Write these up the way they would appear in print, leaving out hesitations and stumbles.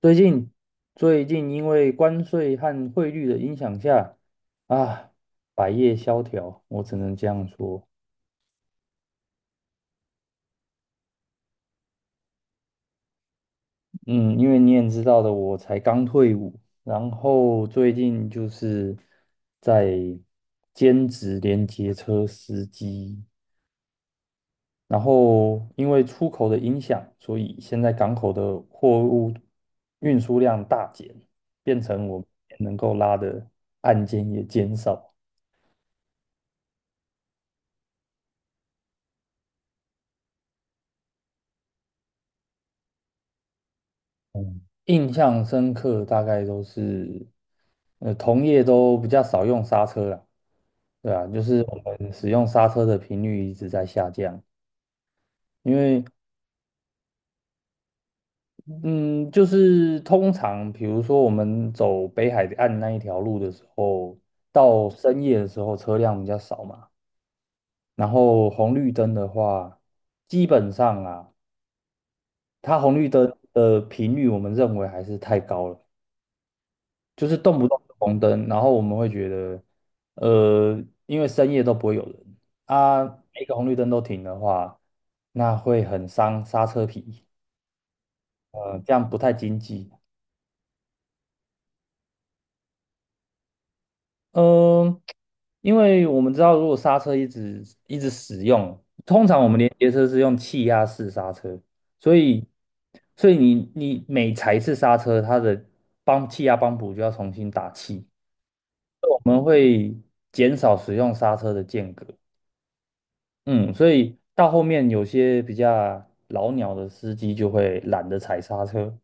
最近最近因为关税和汇率的影响下，啊，百业萧条，我只能这样说。嗯，因为你也知道的，我才刚退伍，然后最近就是在兼职连接车司机，然后因为出口的影响，所以现在港口的货物运输量大减，变成我能够拉的案件也减少。嗯，印象深刻大概都是，同业都比较少用刹车啦，对啊，就是我们使用刹车的频率一直在下降，因为嗯，就是通常比如说我们走北海岸那一条路的时候，到深夜的时候车辆比较少嘛，然后红绿灯的话，基本上啊，它红绿灯的频率我们认为还是太高了。就是动不动就红灯，然后我们会觉得，因为深夜都不会有人啊，每个红绿灯都停的话，那会很伤刹车皮，这样不太经济。嗯，因为我们知道，如果刹车一直一直使用，通常我们连接车是用气压式刹车，所以所以你每踩一次刹车，它的帮气压帮补就要重新打气。我们会减少使用刹车的间隔，嗯，所以到后面有些比较老鸟的司机就会懒得踩刹车，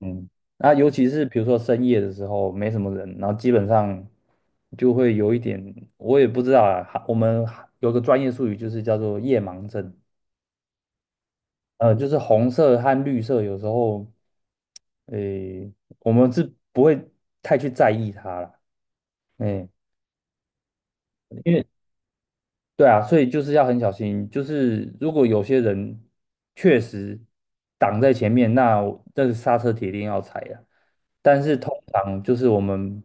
嗯，那尤其是比如说深夜的时候没什么人，然后基本上就会有一点，我也不知道啊，哈我们有个专业术语就是叫做夜盲症，就是红色和绿色有时候，诶，我们是不会太去在意它了，诶，因为对啊，所以就是要很小心。就是如果有些人确实挡在前面，那我这个刹车铁定要踩啊。但是通常就是我们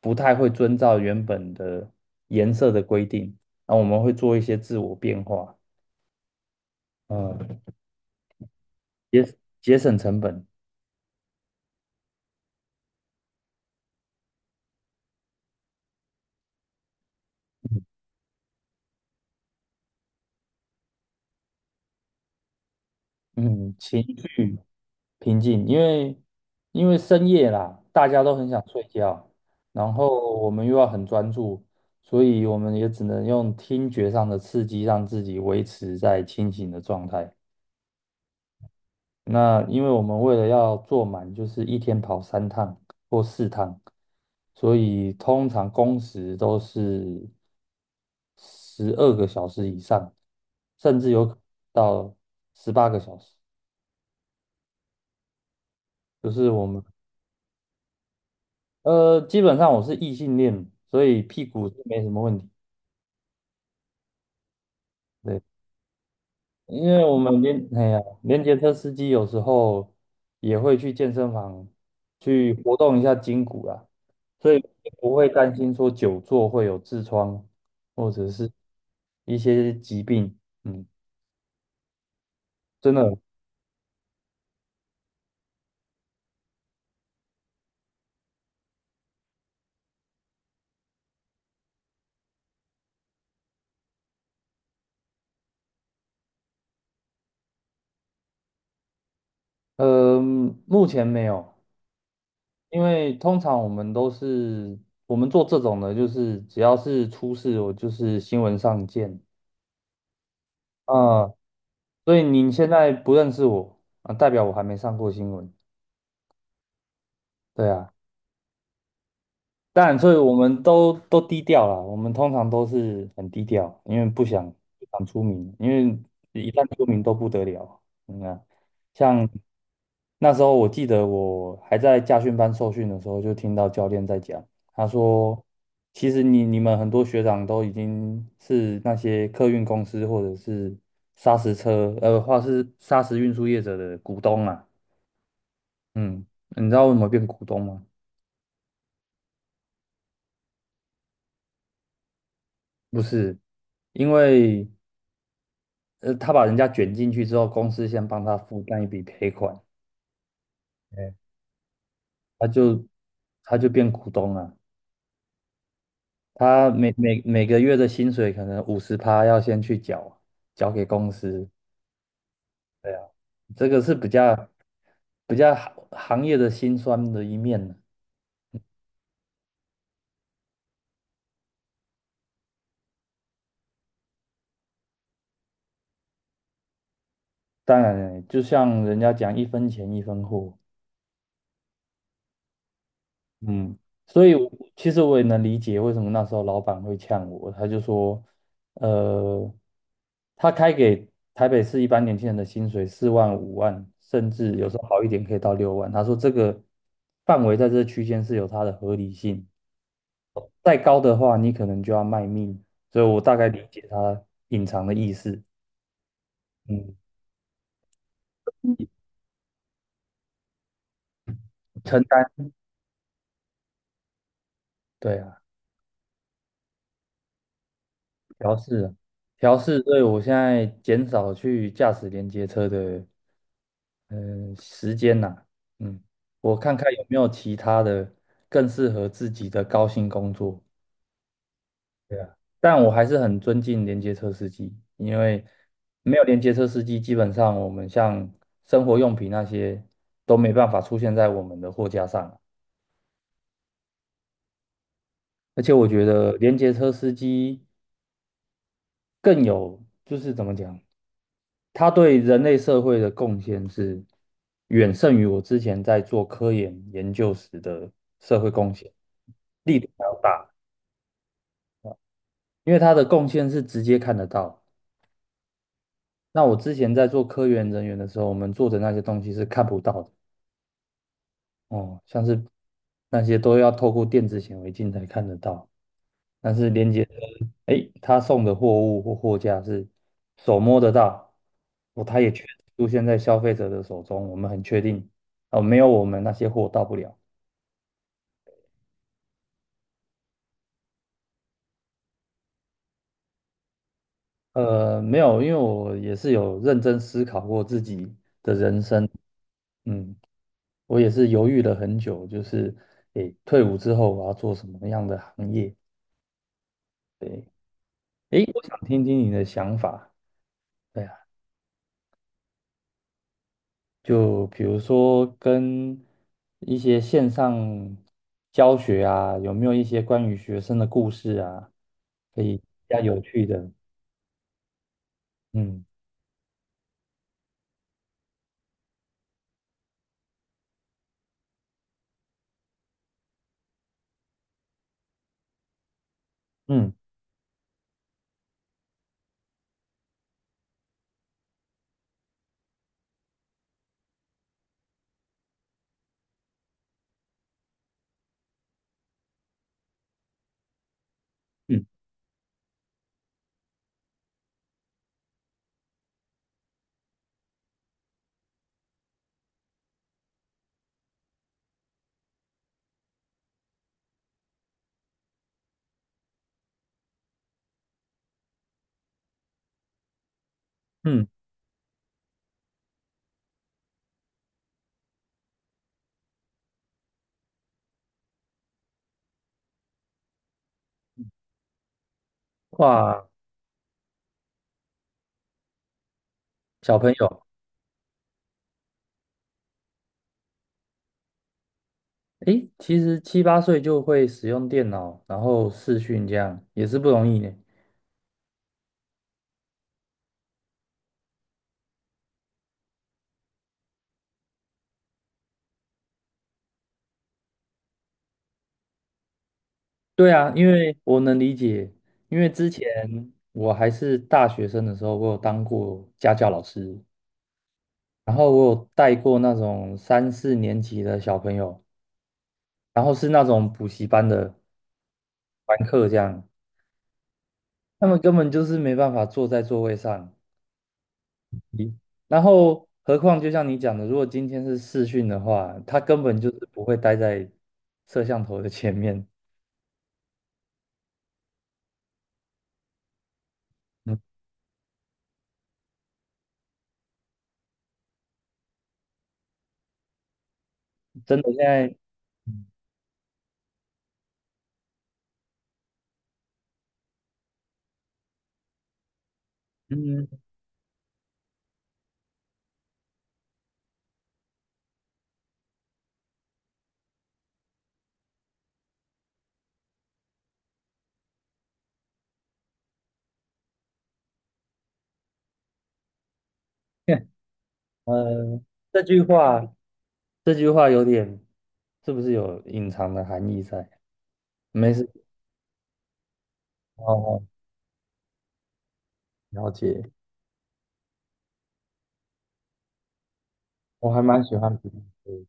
不太会遵照原本的颜色的规定，那我们会做一些自我变化，嗯，节省成本，嗯，情绪平静，因为深夜啦，大家都很想睡觉，然后我们又要很专注，所以我们也只能用听觉上的刺激让自己维持在清醒的状态。那因为我们为了要做满，就是一天跑三趟或四趟，所以通常工时都是12个小时以上，甚至有可能到18个小时，就是我们基本上我是异性恋，所以屁股是没什么问题。对，因为我们连连接车司机有时候也会去健身房去活动一下筋骨啦，所以不会担心说久坐会有痔疮或者是一些疾病。嗯，真的，目前没有，因为通常我们都是我们做这种的，就是只要是出事，我就是新闻上见。啊，所以你现在不认识我啊，代表我还没上过新闻。对啊，当然，所以我们都低调啦。我们通常都是很低调，因为不想出名，因为一旦出名都不得了。你看，像那时候我记得我还在驾训班受训的时候，就听到教练在讲，他说，其实你们很多学长都已经是那些客运公司或者是砂石车，或是砂石运输业者的股东啊。嗯，你知道为什么变股东吗？不是，因为他把人家卷进去之后，公司先帮他负担一笔赔款，哎，他就他就变股东了。他每个月的薪水可能50%要先去缴，缴给公司。对啊，这个是比较行业的辛酸的一面呢。当然，就像人家讲一分钱一分货，嗯，所以我其实我也能理解为什么那时候老板会呛我，他就说，呃，他开给台北市一般年轻人的薪水4万、5万，甚至有时候好一点可以到6万。他说这个范围在这区间是有它的合理性，再高的话你可能就要卖命。所以我大概理解他隐藏的意思。嗯，嗯承担，对啊，调试啊，调试。所以我现在减少去驾驶连接车的。嗯，时间呐，嗯，我看看有没有其他的更适合自己的高薪工作。对啊，但我还是很尊敬连接车司机，因为没有连接车司机，基本上我们像生活用品那些都没办法出现在我们的货架上。而且我觉得连接车司机更有，就是怎么讲，他对人类社会的贡献是远胜于我之前在做科研研究时的社会贡献，力度还要大，因为他的贡献是直接看得到。那我之前在做科研人员的时候，我们做的那些东西是看不到的哦，像是那些都要透过电子显微镜才看得到，但是连接诶，他送的货物或货架是手摸得到，哦，他也确实出现在消费者的手中，我们很确定，哦，没有我们那些货到不了。没有，因为我也是有认真思考过自己的人生，嗯，我也是犹豫了很久，就是诶，退伍之后我要做什么样的行业？对，诶，我想听听你的想法。对啊。就比如说跟一些线上教学啊，有没有一些关于学生的故事啊，可以比较有趣的，嗯嗯嗯嗯，哇，小朋友，诶，其实七八岁就会使用电脑，然后视讯这样也是不容易呢。对啊，因为我能理解，因为之前我还是大学生的时候，我有当过家教老师。然后我有带过那种三四年级的小朋友，然后是那种补习班的班课这样，他们根本就是没办法坐在座位上。咦然后，何况就像你讲的，如果今天是视讯的话，他根本就是不会待在摄像头的前面。嗯，真的，现在，嗯呃，这句话，这句话有点，是不是有隐藏的含义在？没事，哦，了解，我还蛮喜欢比例的，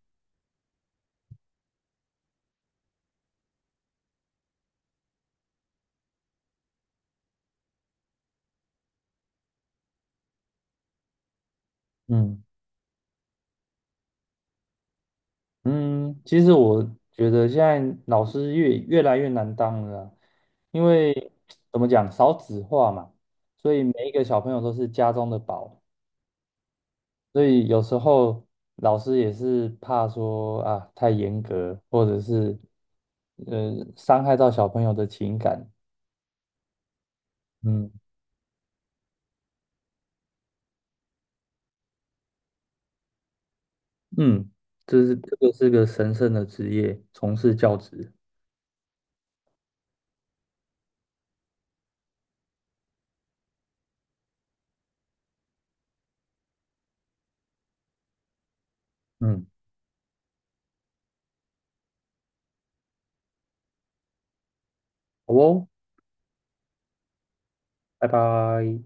嗯。嗯，其实我觉得现在老师越来越难当了啊，因为怎么讲，少子化嘛，所以每一个小朋友都是家中的宝，所以有时候老师也是怕说啊太严格，或者是伤害到小朋友的情感。嗯嗯，这个是个神圣的职业，从事教职。嗯，好哦，拜拜。